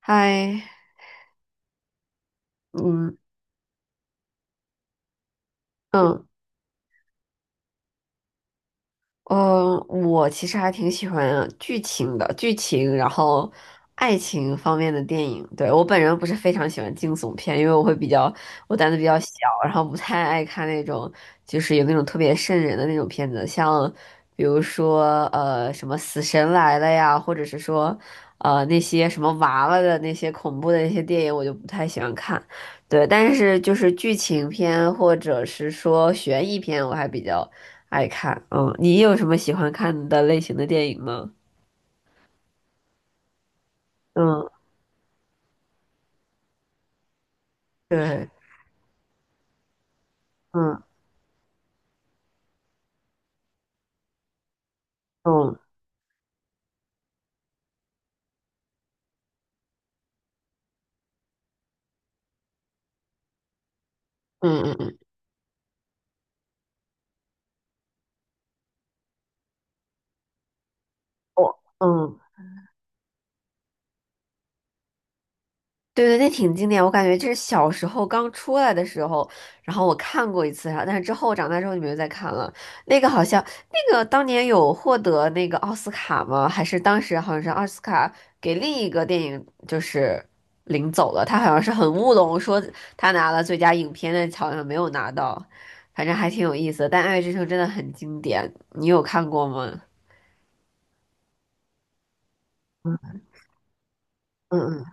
嗨，嗯嗯，我其实还挺喜欢剧情的，然后爱情方面的电影。对，我本人不是非常喜欢惊悚片，因为我胆子比较小，然后不太爱看那种就是有那种特别瘆人的那种片子，像比如说什么《死神来了》呀，或者是说那些什么娃娃的那些恐怖的那些电影，我就不太喜欢看。对，但是就是剧情片或者是说悬疑片，我还比较爱看，嗯，你有什么喜欢看的类型的电影吗？嗯，对，嗯嗯嗯嗯嗯，我嗯。对对，那挺经典，我感觉这是小时候刚出来的时候，然后我看过一次然后但是之后长大之后就没有再看了。那个好像那个当年有获得那个奥斯卡吗？还是当时好像是奥斯卡给另一个电影就是领走了，他好像是很乌龙，说他拿了最佳影片，但好像没有拿到，反正还挺有意思的。但《爱乐之城》真的很经典，你有看过吗？嗯嗯，嗯，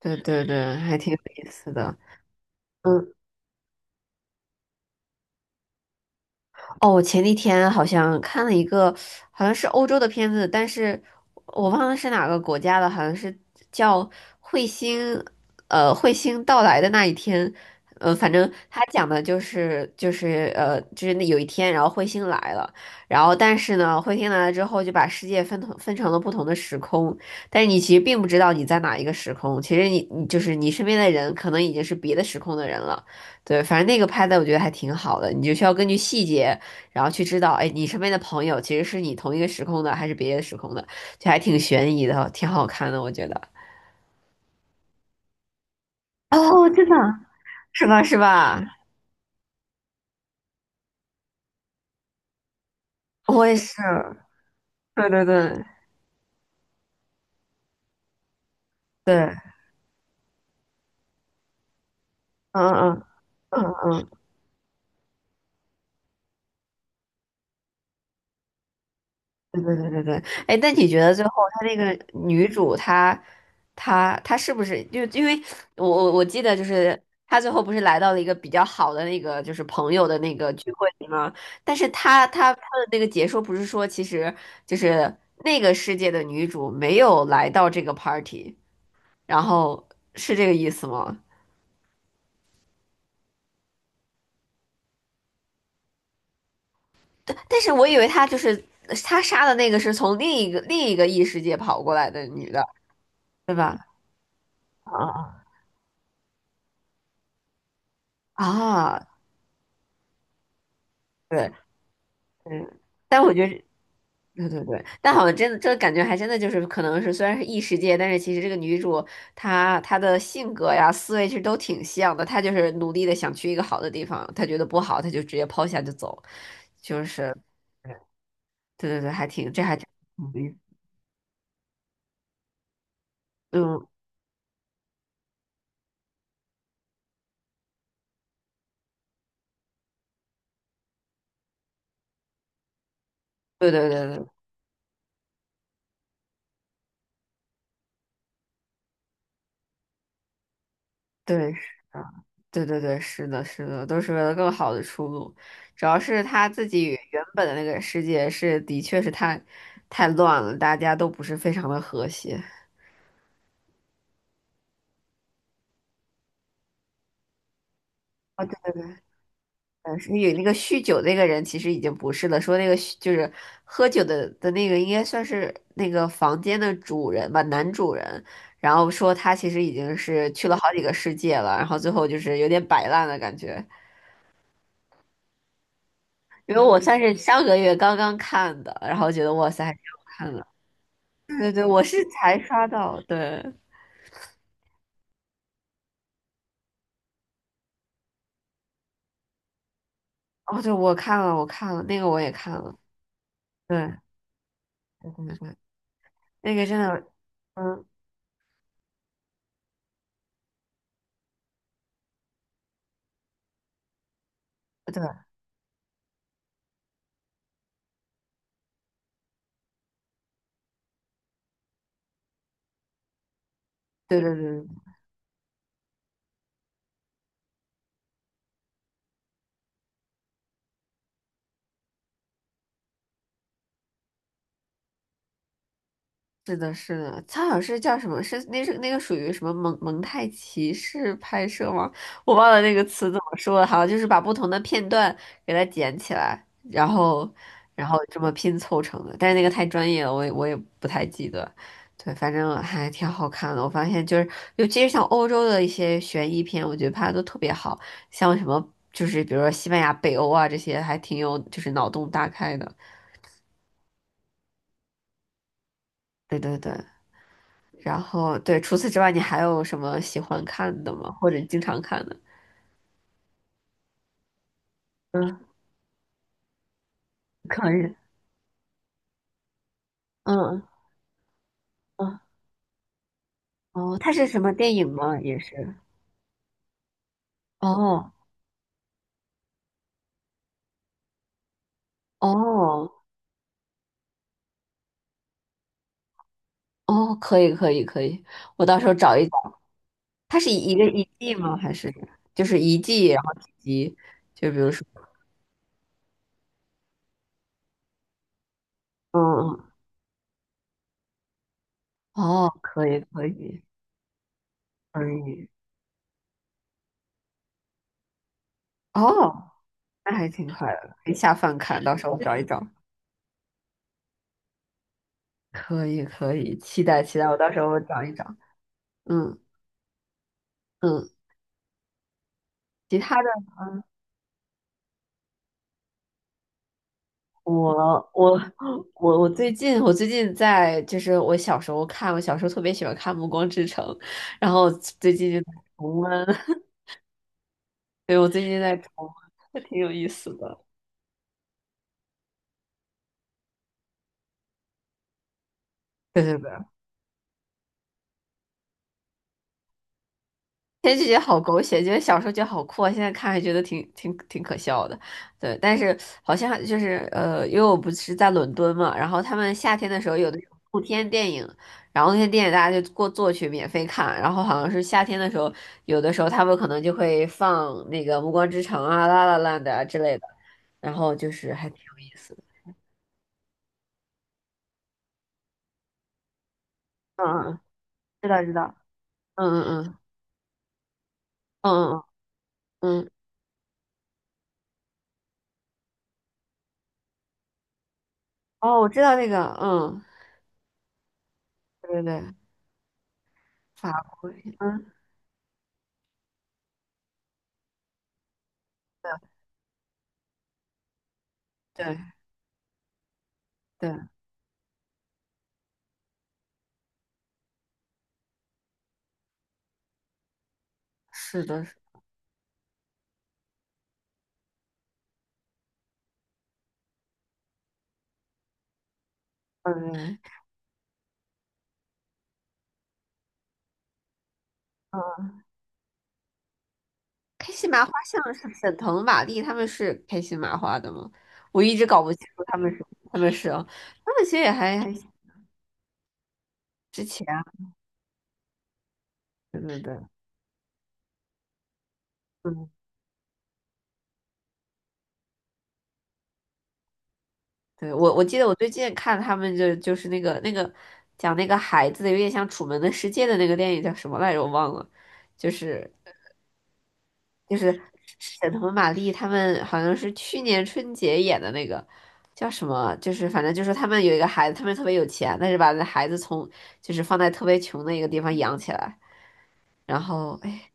对对对，还挺有意思的。嗯。哦，我前几天好像看了一个，好像是欧洲的片子，但是我忘了是哪个国家的，好像是叫《彗星》，彗星到来的那一天，反正他讲的就是那有一天，然后彗星来了，然后但是呢，彗星来了之后就把世界分成了不同的时空，但是你其实并不知道你在哪一个时空，其实你就是你身边的人可能已经是别的时空的人了，对，反正那个拍的我觉得还挺好的，你就需要根据细节。然后去知道，哎，你身边的朋友其实是你同一个时空的，还是别的时空的，就还挺悬疑的，挺好看的，我觉得。哦，真的啊？是吧？是吧？我也是。对对对对，嗯嗯嗯嗯。对对对对对，哎，那你觉得最后她那个女主她，她是不是就因为我记得就是她最后不是来到了一个比较好的那个就是朋友的那个聚会里吗？但是她的那个解说不是说其实就是那个世界的女主没有来到这个 party，然后是这个意思吗？但是我以为她就是她杀的那个是从另一个异世界跑过来的女的，对吧？啊啊啊！对。嗯，但我觉得是，对对对，但好像真的，这个感觉还真的就是，可能是虽然是异世界，但是其实这个女主她的性格呀、思维其实都挺像的。她就是努力的想去一个好的地方，她觉得不好，她就直接抛下就走，就是，对对对，还挺有意思。嗯，对对对对对，是的，对对对，是的，是的，都是为了更好的出路。主要是她自己原本的那个世界是，的确是太乱了，大家都不是非常的和谐。哦，对的，是有那个酗酒那个人其实已经不是了，说那个就是喝酒的那个应该算是那个房间的主人吧，男主人，然后说他其实已经是去了好几个世界了，然后最后就是有点摆烂的感觉，因为我算是上个月刚刚看的，然后觉得哇塞还挺好看的，对对对，我是才刷到，对，哦对，我看了那个我也看了，对对对对，那个真的，嗯，对对对对对。是的，是的，他好像是叫什么？是那个属于什么蒙太奇式拍摄吗？我忘了那个词怎么说了，好像就是把不同的片段给它剪起来，然后这么拼凑成的。但是那个太专业了，我也不太记得。对，反正还挺好看的。我发现就是，尤其是像欧洲的一些悬疑片，我觉得拍的都特别好，像什么就是比如说西班牙、北欧啊这些，还挺有就是脑洞大开的。对对对。然后对，除此之外，你还有什么喜欢看的吗？或者经常看的？嗯，可以。嗯嗯哦，它是什么电影吗？也是。哦哦哦，可以可以可以，我到时候找一找。它是一个一季吗？还是就是一季，然后几集？就比如说，嗯嗯，哦，可以可以可以，哦，那还挺快的，可以下饭看，到时候我找一找。可以可以，期待期待，我到时候我找一找。嗯嗯，其他的。我我我我最近我最近在就是我小时候看，我小时候特别喜欢看《暮光之城》，然后最近就在重温，对，我最近在重温，还挺有意思的。对对对。前觉得好狗血，觉得小时候觉得好酷啊，现在看还觉得挺可笑的。对，但是好像就是因为我不是在伦敦嘛，然后他们夏天的时候有的露天电影，然后那些电影大家就过坐去免费看，然后好像是夏天的时候，有的时候他们可能就会放那个《暮光之城》啊、《La l 的啊之类的，然后就是还挺有意思的。嗯嗯，嗯知道知道，嗯嗯嗯嗯嗯嗯，嗯哦，我知道那个，嗯，对对对，法国，嗯，对对。对，是的，是嗯嗯，开心麻花像是沈腾、马丽他们是开心麻花的吗？我一直搞不清楚他们是啊，他们其实也还之前啊，对对对，嗯，对我记得我最近看他们就是那个讲那个孩子的有点像《楚门的世界》的那个电影叫什么来着，我忘了，就是就是沈腾、马丽他们好像是去年春节演的那个叫什么，就是反正就是他们有一个孩子，他们特别有钱，但是把那孩子从就是放在特别穷的一个地方养起来，然后哎。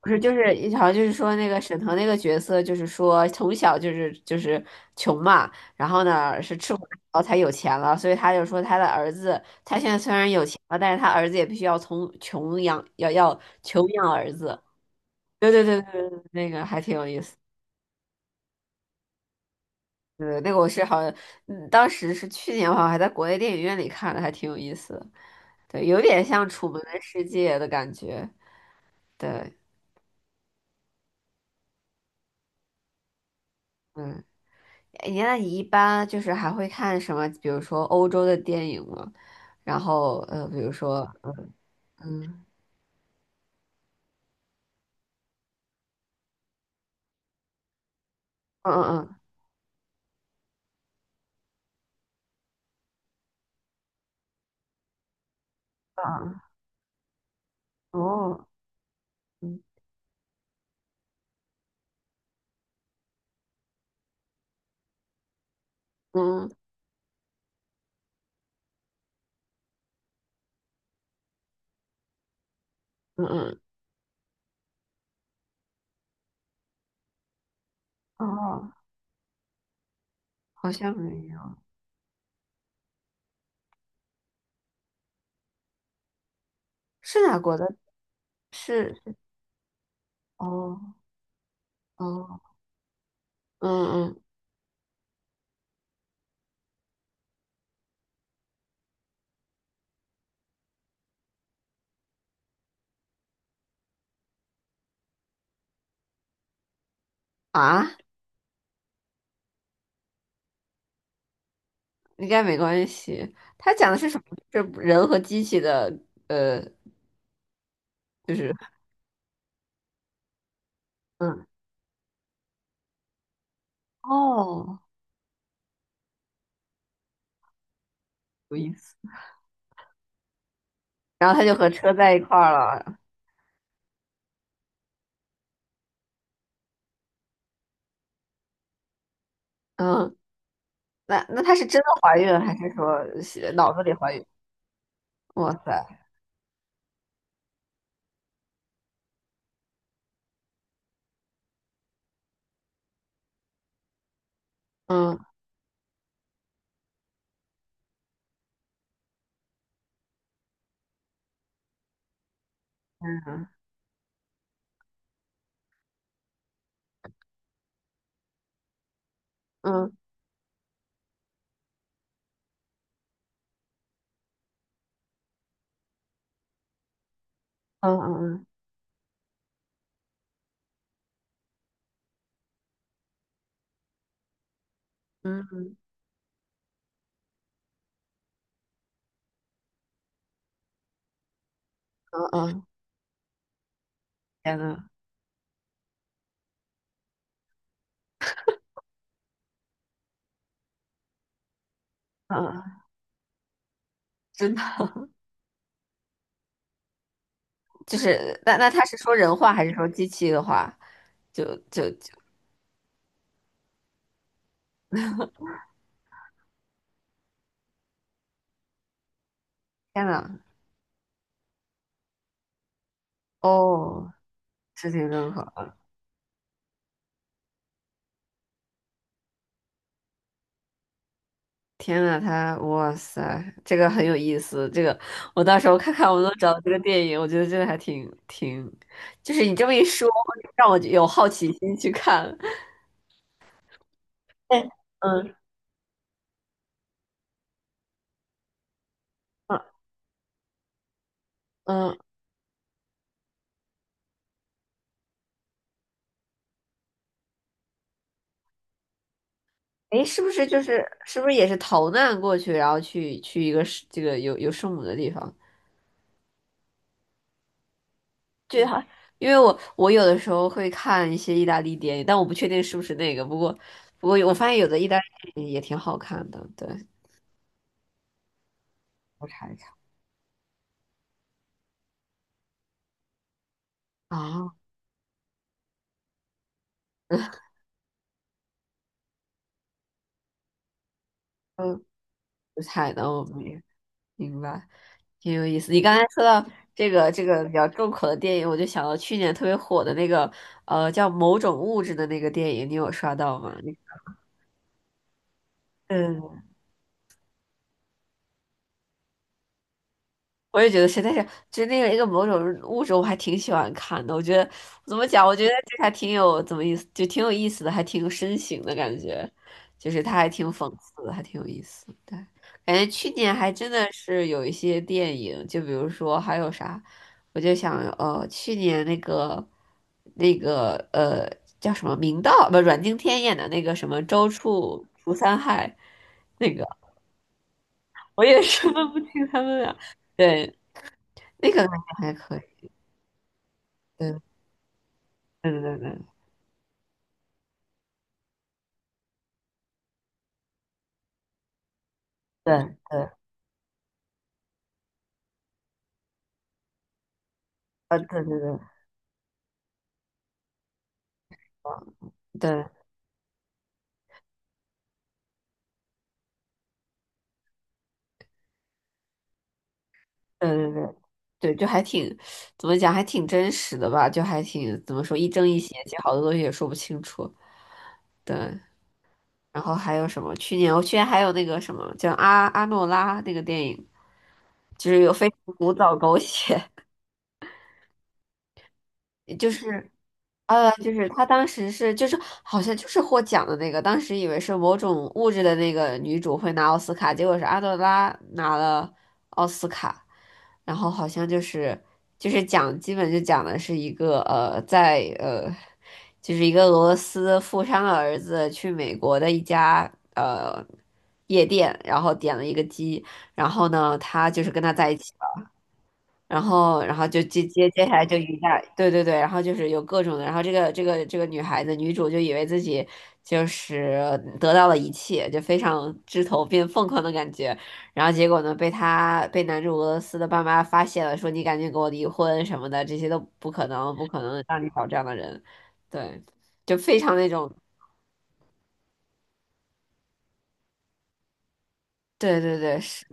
不是，就是好像就是说那个沈腾那个角色，就是说从小就是穷嘛，然后呢是吃苦耐劳才有钱了，所以他就说他的儿子，他现在虽然有钱了，但是他儿子也必须要从穷养，要穷养儿子。对对对对对，那个还挺有意思。对，那个我是好像，嗯，当时是去年，好像还在国内电影院里看的，还挺有意思的。对，有点像《楚门的世界》的感觉。对，嗯，哎，那你一般就是还会看什么？比如说欧洲的电影吗？然后，比如说，嗯，嗯嗯嗯嗯，嗯哦，嗯嗯嗯嗯，嗯哦，好像没有，是哪国的？是，哦哦，嗯嗯啊。应该没关系。他讲的是什么？是人和机器的，呃，就是嗯，哦，有意思。然后他就和车在一块儿了。嗯，那他是真的怀孕还是说是脑子里怀孕？哇塞，嗯嗯嗯嗯嗯嗯嗯嗯，天呐，嗯，真的。就是那他是说人话还是说机器的话？就就天呐，哦，事情真好。天呐，他哇塞，这个很有意思。这个我到时候看看我能找到这个电影，我觉得这个还挺，就是你这么一说，让我有好奇心去看。哎，嗯嗯嗯，哎，是不是就是是不是也是逃难过去，然后去一个是这个有圣母的地方？对哈，因为我有的时候会看一些意大利电影，但我不确定是不是那个。不过我发现有的意大利电影也挺好看的，对，我查一查啊。嗯 不的，我明白，挺有意思。你刚才说到这个比较重口的电影，我就想到去年特别火的那个叫《某种物质》的那个电影，你有刷到吗？你对，我也觉得是，但是就那个一个某种物种，我还挺喜欢看的。我觉得怎么讲，我觉得这个还挺有怎么意思，就挺有意思的，还挺有深情的感觉，就是它还挺讽刺的，还挺有意思。对，感觉去年还真的是有一些电影，就比如说还有啥，我就想去年那个叫什么明道不阮经天演的那个什么《周处除三害》，那个我也是分不清他们俩。对，那个感觉还可以，对对对对对对对，啊对对对啊对，对对对对对，就还挺怎么讲，还挺真实的吧，就还挺怎么说一正一邪，其实好多东西也说不清楚。对，然后还有什么？去年还有那个什么叫阿诺拉那个电影，就是有非常古早狗血。就是就是她当时是就是好像就是获奖的那个，当时以为是某种物质的那个女主会拿奥斯卡，结果是阿德拉拿了奥斯卡，然后好像就是就是讲，基本就讲的是一个在就是一个俄罗斯富商的儿子去美国的一家夜店，然后点了一个鸡，然后呢他就是跟他在一起。然后，然后就接下来就一下，对对对，然后就是有各种的，然后这个女孩子女主就以为自己就是得到了一切，就非常枝头变凤凰的感觉，然后结果呢被她被男主俄罗斯的爸妈发现了，说你赶紧给我离婚什么的，这些都不可能，不可能让你找这样的人，对，就非常那种，对对对，是。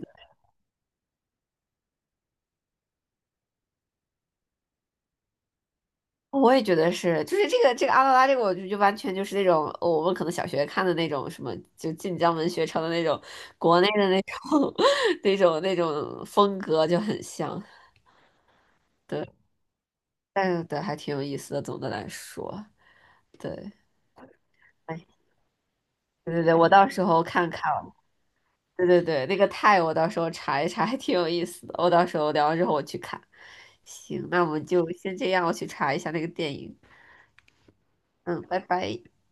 哦，我也觉得是，就是这个阿拉拉这个，我就完全就是那种，哦我们可能小学看的那种什么，就晋江文学城的那种国内的那种 那种风格就很像，对，但是对还挺有意思的。总的来说，对，哎，对对对，我到时候看看，对对对，那个泰我到时候查一查，还挺有意思的。我到时候聊完之后我去看。行，那我们就先这样，我去查一下那个电影。嗯，拜拜。